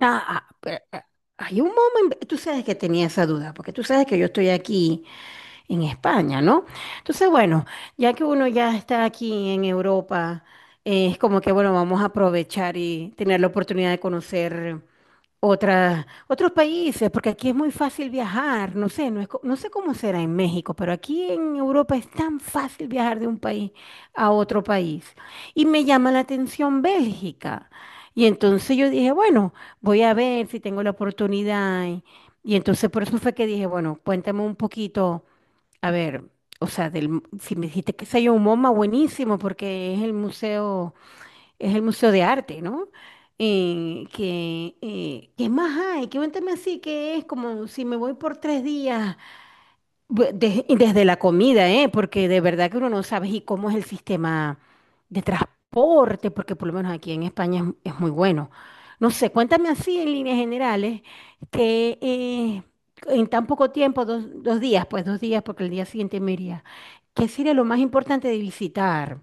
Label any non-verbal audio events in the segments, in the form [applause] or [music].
Ah, ah, pero, ah, hay un momento, tú sabes que tenía esa duda, porque tú sabes que yo estoy aquí en España, ¿no? Entonces, bueno, ya que uno ya está aquí en Europa, es como que, bueno, vamos a aprovechar y tener la oportunidad de conocer otra, otros países, porque aquí es muy fácil viajar, no sé, no sé cómo será en México, pero aquí en Europa es tan fácil viajar de un país a otro país. Y me llama la atención Bélgica. Y entonces yo dije, bueno, voy a ver si tengo la oportunidad. Y entonces por eso fue que dije, bueno, cuéntame un poquito, a ver, o sea, si me dijiste que se un MoMA, buenísimo, porque es el Museo de Arte, ¿no? ¿Qué más hay? Cuéntame así, que es como si me voy por 3 días, y desde la comida, ¿eh? Porque de verdad que uno no sabe y cómo es el sistema de transporte, porque por lo menos aquí en España es muy bueno. No sé, cuéntame así en líneas generales, que en tan poco tiempo, dos días, pues 2 días, porque el día siguiente me iría, ¿qué sería lo más importante de visitar?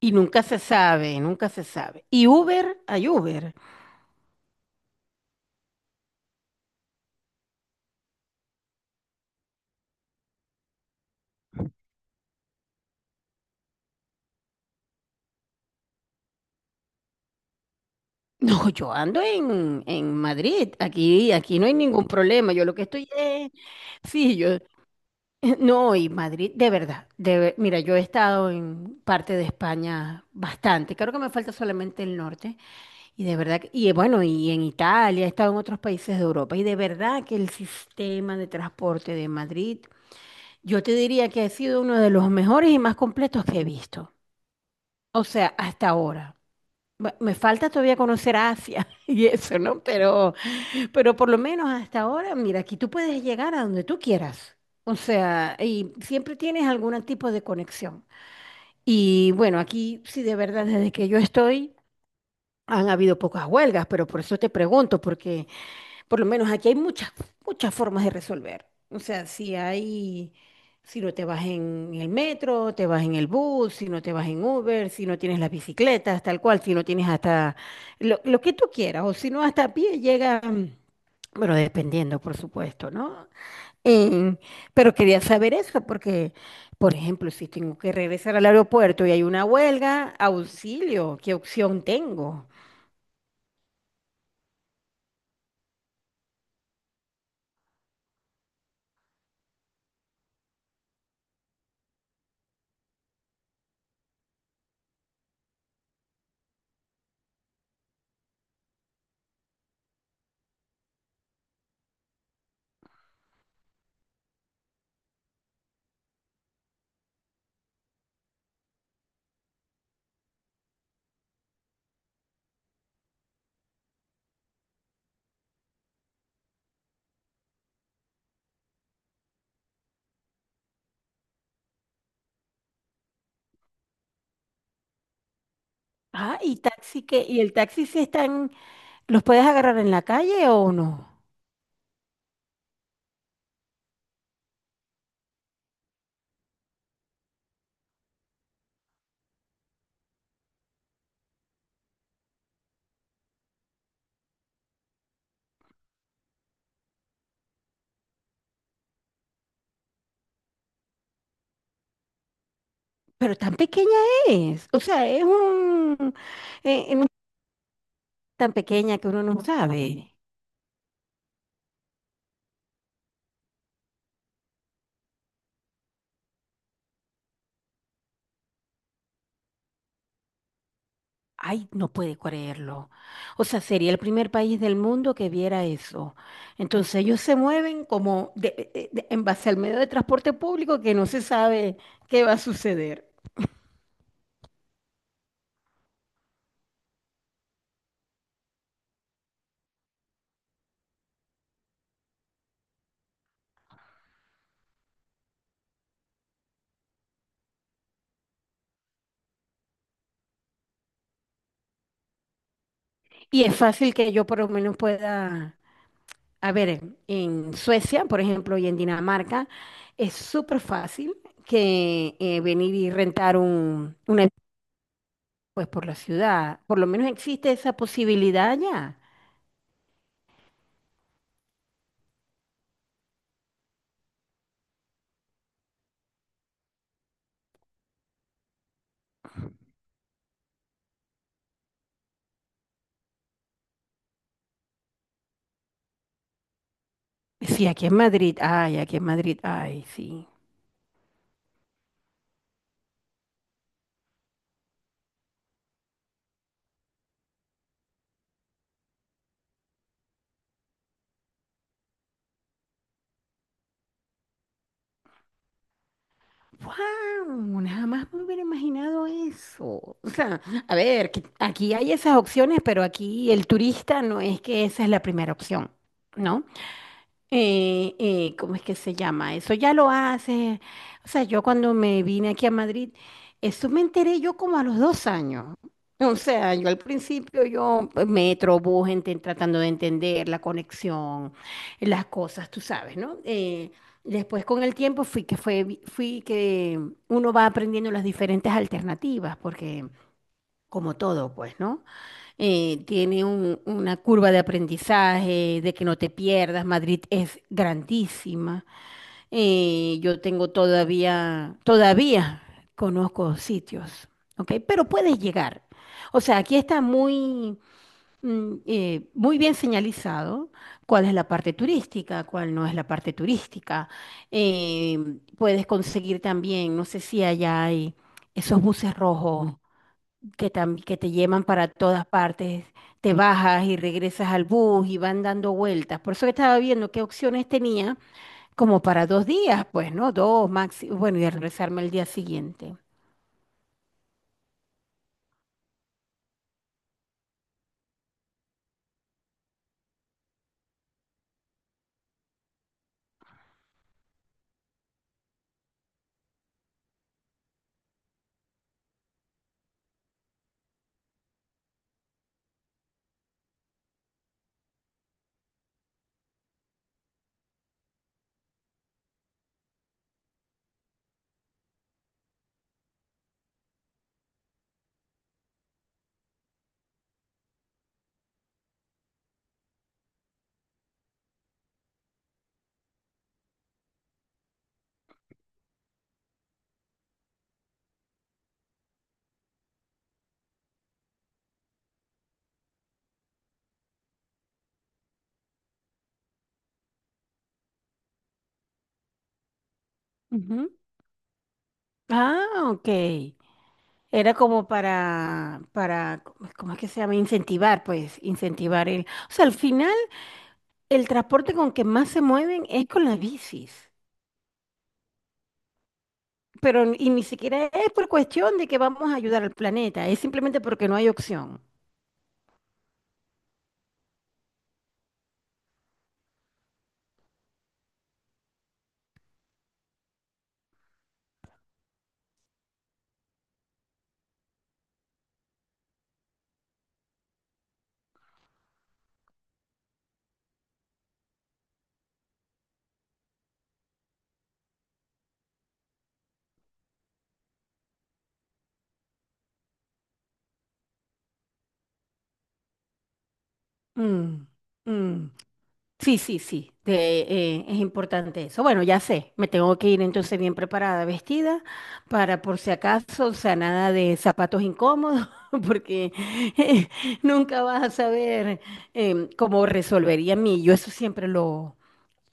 Y nunca se sabe, nunca se sabe. Y Uber, hay Uber. [laughs] No, yo ando en Madrid, aquí, aquí no hay ningún problema. Yo lo que estoy es, sí, yo, [laughs] no, y Madrid, de verdad, mira, yo he estado en parte de España bastante, creo que me falta solamente el norte, y de verdad, bueno, y en Italia, he estado en otros países de Europa, y de verdad que el sistema de transporte de Madrid, yo te diría que ha sido uno de los mejores y más completos que he visto, o sea, hasta ahora. Me falta todavía conocer Asia [laughs] y eso, ¿no? Pero por lo menos hasta ahora, mira, aquí tú puedes llegar a donde tú quieras. O sea, y siempre tienes algún tipo de conexión. Y bueno, aquí sí de verdad, desde que yo estoy, han habido pocas huelgas, pero por eso te pregunto, porque por lo menos aquí hay muchas formas de resolver. O sea, si no te vas en el metro, te vas en el bus, si no te vas en Uber, si no tienes las bicicletas, tal cual, si no tienes hasta lo que tú quieras, o si no hasta a pie llega, bueno, dependiendo, por supuesto, ¿no? Eh, pero quería saber eso, porque, por ejemplo, si tengo que regresar al aeropuerto y hay una huelga, auxilio, ¿qué opción tengo? Ah, y taxi que, y el taxi se está. ¿Los puedes agarrar en la calle o no? Pero tan pequeña es. O sea, es un... no es [laughs] tan pequeña que uno no sabe. Ay, no puede creerlo. O sea, sería el primer país del mundo que viera eso. Entonces ellos se mueven como en base al medio de transporte público que no se sabe qué va a suceder. Y es fácil que yo por lo menos pueda... A ver, en Suecia, por ejemplo, y en Dinamarca, es súper fácil que venir y rentar una pues por la ciudad. Por lo menos existe esa posibilidad allá. Sí, aquí en Madrid, ay, aquí en Madrid, ay, sí. ¡Wow! Jamás me hubiera imaginado eso. O sea, a ver, que aquí hay esas opciones, pero aquí el turista no es que esa es la primera opción, ¿no? ¿Cómo es que se llama? Eso ya lo hace. O sea, yo cuando me vine aquí a Madrid, eso me enteré yo como a los 2 años. O sea, yo al principio yo pues, metro, bus, tratando de entender la conexión, las cosas, tú sabes, ¿no? Después con el tiempo fui que uno va aprendiendo las diferentes alternativas, porque como todo, pues, ¿no? Tiene una curva de aprendizaje, de que no te pierdas. Madrid es grandísima. Yo tengo todavía conozco sitios, ¿ok? Pero puedes llegar. O sea, aquí está muy bien señalizado cuál es la parte turística, cuál no es la parte turística. Eh, puedes conseguir también, no sé si allá hay esos buses rojos que, que te llevan para todas partes, te bajas y regresas al bus y van dando vueltas. Por eso que estaba viendo qué opciones tenía como para 2 días, pues, ¿no? Dos máximo, bueno, y de regresarme el día siguiente. Ujú. Ah, ok. Era como para, ¿cómo es que se llama? Incentivar, pues, incentivar el. O sea, al final, el transporte con que más se mueven es con las bicis. Pero, y ni siquiera es por cuestión de que vamos a ayudar al planeta, es simplemente porque no hay opción. Mm, mm. Sí, sí, sí, es importante eso. Bueno, ya sé, me tengo que ir entonces bien preparada, vestida, para por si acaso, o sea, nada de zapatos incómodos, [laughs] porque eh, nunca vas a saber cómo resolvería mí. Yo eso siempre lo,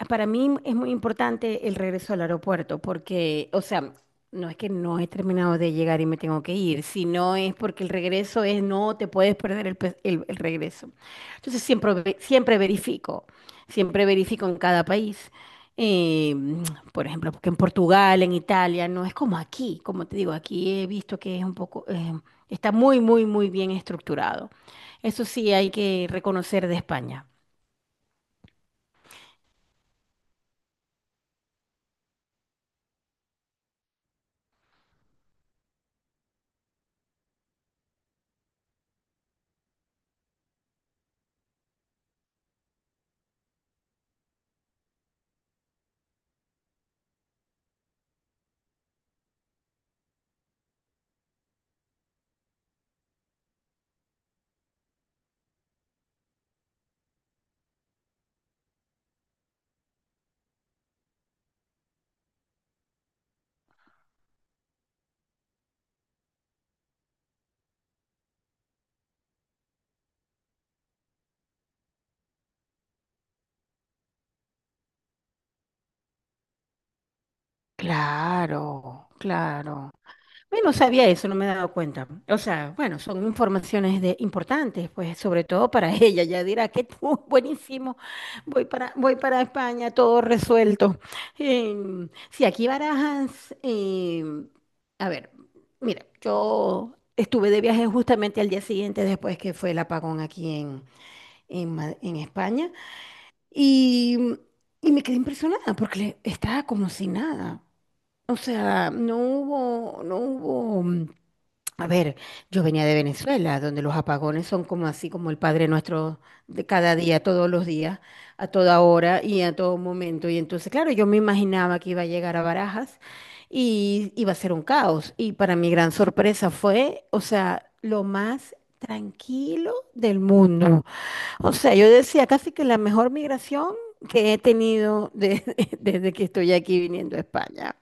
para mí es muy importante el regreso al aeropuerto porque, o sea, no es que no he terminado de llegar y me tengo que ir, sino es porque el regreso es no te puedes perder el regreso. Entonces siempre verifico en cada país. Eh, [tsk] por ejemplo, porque en Portugal, en Italia, no es como aquí, como te digo, aquí he visto que es un poco, está muy bien estructurado. Eso sí hay que reconocer de España. Claro, claro. Yo no sabía eso, no me he dado cuenta. O sea, bueno, son informaciones importantes, pues, sobre todo para [laughs] ella. Ya dirá que tú, [laughs] buenísimo, voy para España, todo resuelto. Sí, aquí Barajas, a ver, mira, yo estuve de viaje justamente al día siguiente después que fue el apagón aquí en España y, y me quedé impresionada porque estaba como si nada. O sea, no hubo, a ver, yo venía de Venezuela, donde los apagones son como así como el Padre Nuestro de cada día, todos los días, a toda hora y a todo momento. Y entonces, claro, yo me imaginaba que iba a llegar a Barajas y iba a ser un caos. Y para mi gran sorpresa fue, o sea, lo más tranquilo del mundo. O sea, yo decía casi que la mejor migración que he tenido [laughs] desde que estoy aquí viniendo a España.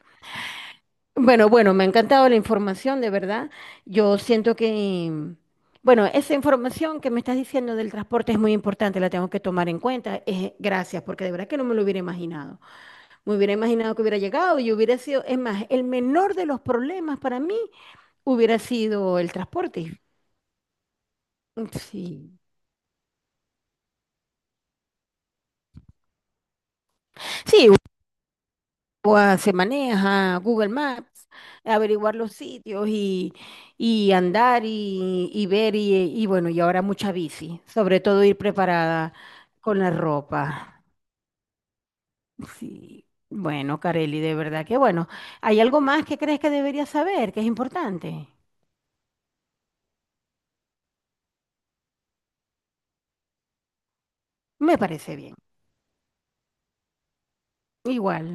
Bueno, bueno, me ha encantado la información, de verdad. Yo siento que, bueno, esa información que me estás diciendo del transporte es muy importante, la tengo que tomar en cuenta. Gracias, porque de verdad que no me lo hubiera imaginado. Me hubiera imaginado que hubiera llegado y hubiera sido, es más, el menor de los problemas para mí hubiera sido el transporte. Sí. Sí, pues, se maneja, Google Maps, averiguar los sitios y andar y ver y bueno, y ahora mucha bici, sobre todo ir preparada con la ropa. Sí. Bueno, Careli, de verdad que bueno, ¿hay algo más que crees que debería saber, que es importante? Me parece bien. Igual.